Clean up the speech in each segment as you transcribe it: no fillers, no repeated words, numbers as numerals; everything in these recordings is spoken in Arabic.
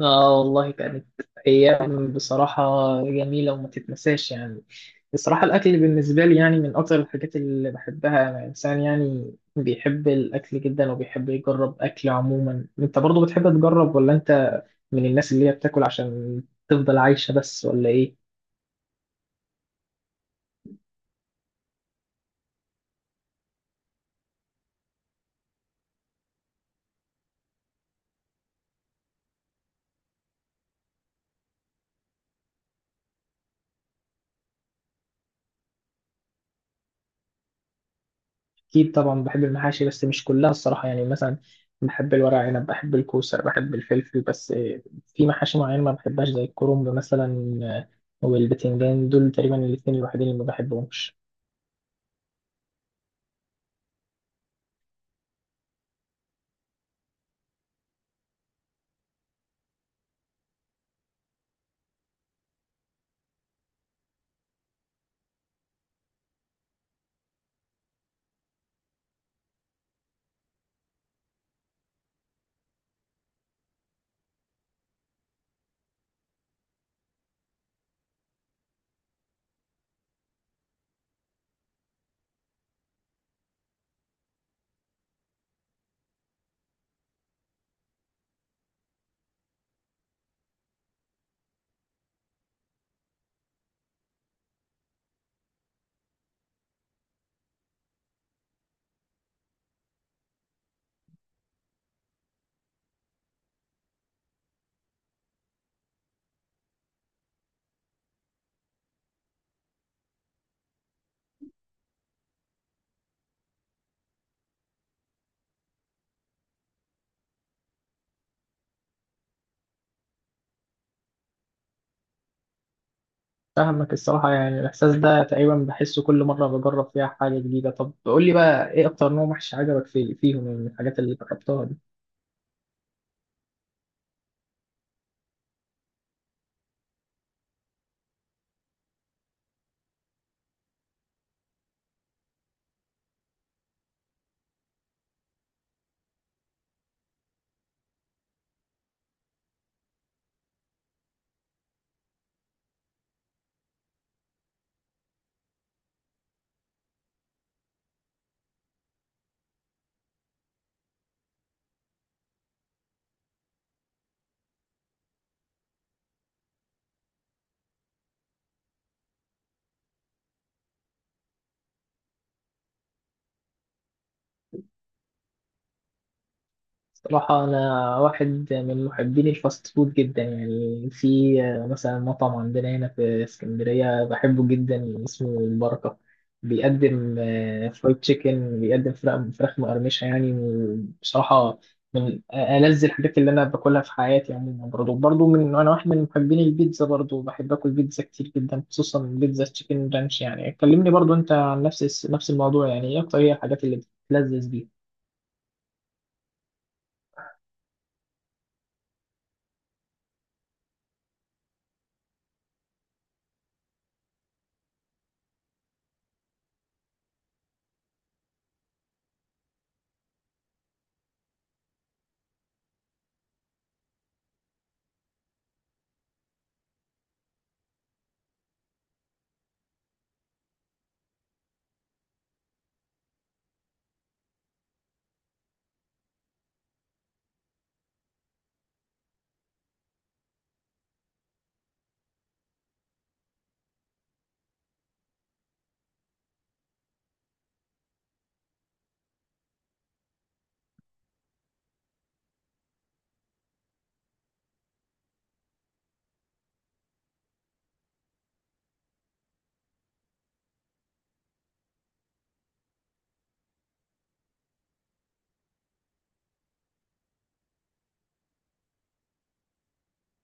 اه والله كانت ايام بصراحه جميله وما تتنساش يعني. بصراحه الاكل بالنسبه لي يعني من اكتر الحاجات اللي بحبها، انا انسان يعني بيحب الاكل جدا وبيحب يجرب اكل عموما. انت برضو بتحب تجرب، ولا انت من الناس اللي هي بتاكل عشان تفضل عايشه بس، ولا ايه؟ أكيد طبعا بحب المحاشي بس مش كلها الصراحة، يعني مثلا بحب الورق عنب، بحب الكوسة، بحب الفلفل، بس في محاشي معينة ما بحبهاش زي الكرنب مثلا والبتنجان، دول تقريبا الاتنين الوحيدين اللي ما بحبهمش. فاهمك الصراحة، يعني الإحساس ده تقريبا بحسه كل مرة بجرب فيها حاجة جديدة. طب قول لي بقى، إيه أكتر نوع محشي عجبك في فيهم يعني، من الحاجات اللي جربتها دي؟ صراحة أنا واحد من محبين الفاست فود جدا، يعني في مثلا مطعم عندنا هنا في اسكندرية بحبه جدا اسمه البركة، بيقدم فرايد تشيكن، بيقدم فراخ مقرمشة يعني. بصراحة من ألذ الحاجات اللي أنا باكلها في حياتي عموما. برضه أنا واحد من محبين البيتزا، برضه بحب آكل بيتزا كتير جدا، خصوصا بيتزا تشيكن رانش. يعني كلمني برضه أنت عن نفس الموضوع، يعني إيه أكتر هي الحاجات اللي بتلذذ بيها؟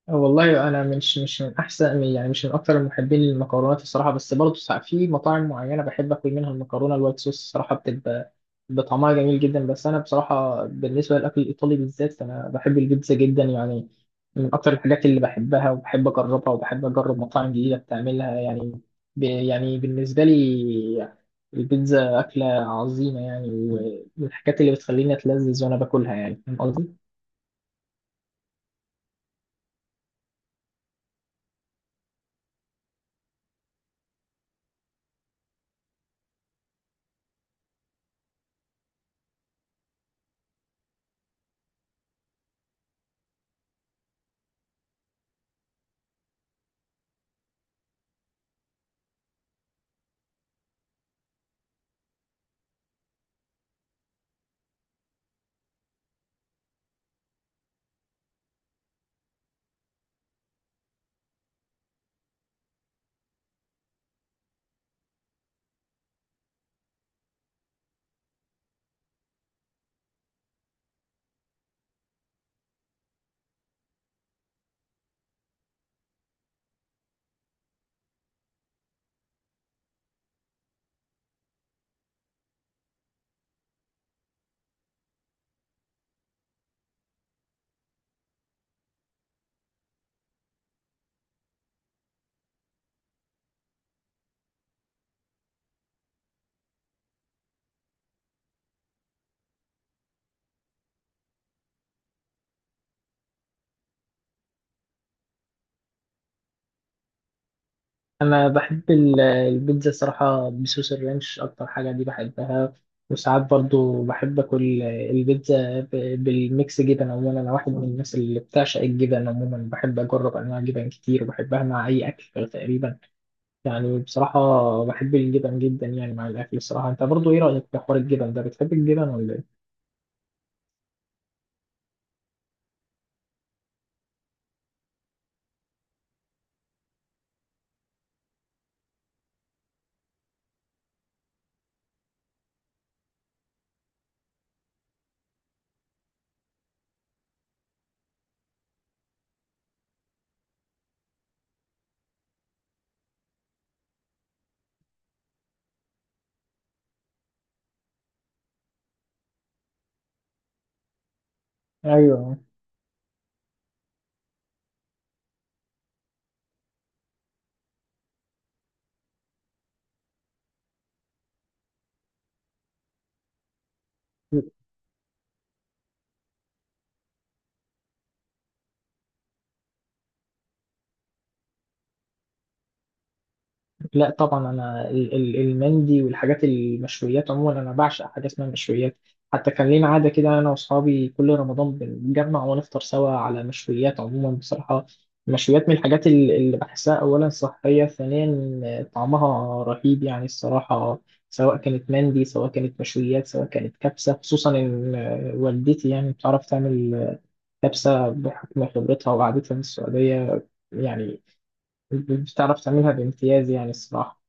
والله انا مش من احسن، يعني مش من اكثر المحبين للمكرونات الصراحه، بس برضه ساعات في مطاعم معينه بحب اكل منها المكرونه الوايت صوص الصراحه، بتبقى بطعمها جميل جدا. بس انا بصراحه بالنسبه للاكل الايطالي بالذات، انا بحب البيتزا جدا يعني، من اكثر الحاجات اللي بحبها وبحب اجربها وبحب اجرب مطاعم جديده بتعملها يعني. يعني بالنسبه لي البيتزا اكله عظيمه يعني، ومن الحاجات اللي بتخليني اتلذذ وانا باكلها يعني، فاهم قصدي؟ انا بحب البيتزا صراحه بصوص الرانش، اكتر حاجه دي بحبها، وساعات برضو بحب اكل البيتزا بالميكس جبن. عموما انا واحد من الناس اللي بتعشق الجبن، عموما بحب اجرب انواع جبن كتير وبحبها مع اي اكل تقريبا يعني. بصراحه بحب الجبن جدا يعني مع الاكل الصراحه. انت برضو ايه رايك في حوار الجبن ده، بتحب الجبن ولا ايه؟ ايوه. لا طبعا، انا المندي والحاجات المشويات عموما انا بعشق، حاجه اسمها مشويات. حتى كان لينا عاده كده، انا واصحابي كل رمضان بنتجمع ونفطر سوا على مشويات. عموما بصراحه المشويات من الحاجات اللي بحسها اولا صحيه، ثانيا طعمها رهيب يعني الصراحه، سواء كانت مندي، سواء كانت مشويات، سواء كانت كبسه. خصوصا ان والدتي يعني بتعرف تعمل كبسه بحكم خبرتها وقعدتها من السعوديه، يعني بتعرف تعملها بامتياز يعني الصراحه.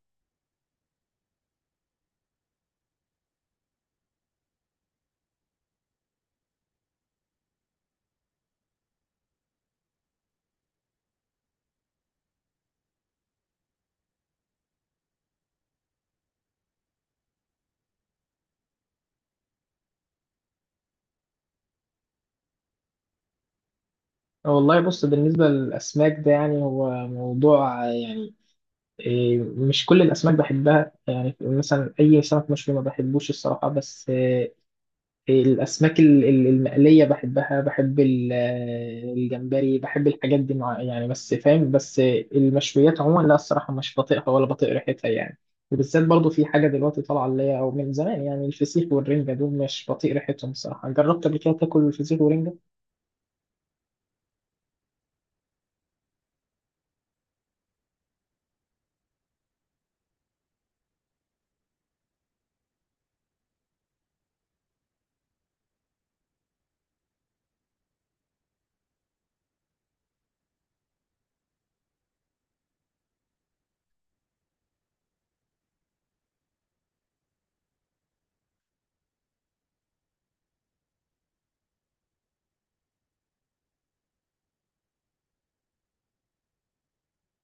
والله بص، بالنسبة للأسماك ده يعني هو موضوع يعني، مش كل الأسماك بحبها، يعني مثلا أي سمك مشوي ما بحبوش الصراحة، بس الأسماك المقلية بحبها، بحب الجمبري، بحب الحاجات دي مع يعني، بس فاهم، بس المشويات عموما لا الصراحة مش بطيقها ولا بطيق ريحتها يعني. وبالذات برضو في حاجة دلوقتي طالعة اللي هي، أو من زمان يعني، الفسيخ والرنجة، دول مش بطيق ريحتهم الصراحة. جربت قبل كده تاكل الفسيخ والرنجة؟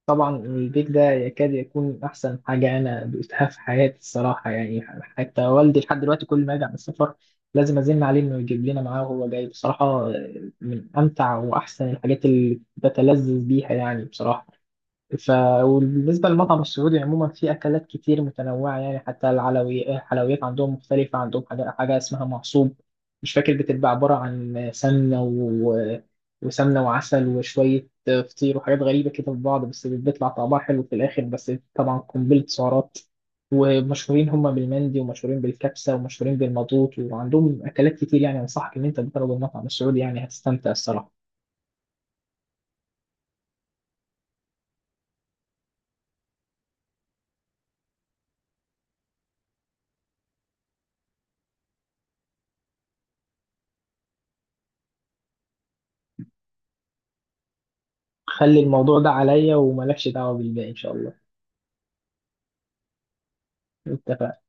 طبعا البيك ده يكاد يكون أحسن حاجة أنا دوقتها في حياتي الصراحة يعني، حتى والدي لحد دلوقتي كل ما يرجع من السفر لازم أزن عليه إنه يجيب لنا معاه وهو جاي. بصراحة من أمتع وأحسن الحاجات اللي بتلذذ بيها يعني بصراحة. ف وبالنسبة للمطعم السعودي عموما في أكلات كتير متنوعة يعني، حتى العلوي الحلويات عندهم مختلفة، عندهم حاجة اسمها معصوب، مش فاكر، بتبقى عبارة عن سمنة وسمنة وعسل وشوية فطير وحاجات غريبة كده في بعض، بس بيطلع طعمها حلو في الآخر، بس طبعا قنبلة سعرات. ومشهورين هم بالمندي، ومشهورين بالكبسة، ومشهورين بالمضغوط، وعندهم أكلات كتير يعني. أنصحك إن أنت تجرب المطعم السعودي يعني، هتستمتع الصراحة. خلي الموضوع ده عليا وملكش دعوة بالباقي إن شاء الله. اتفقنا.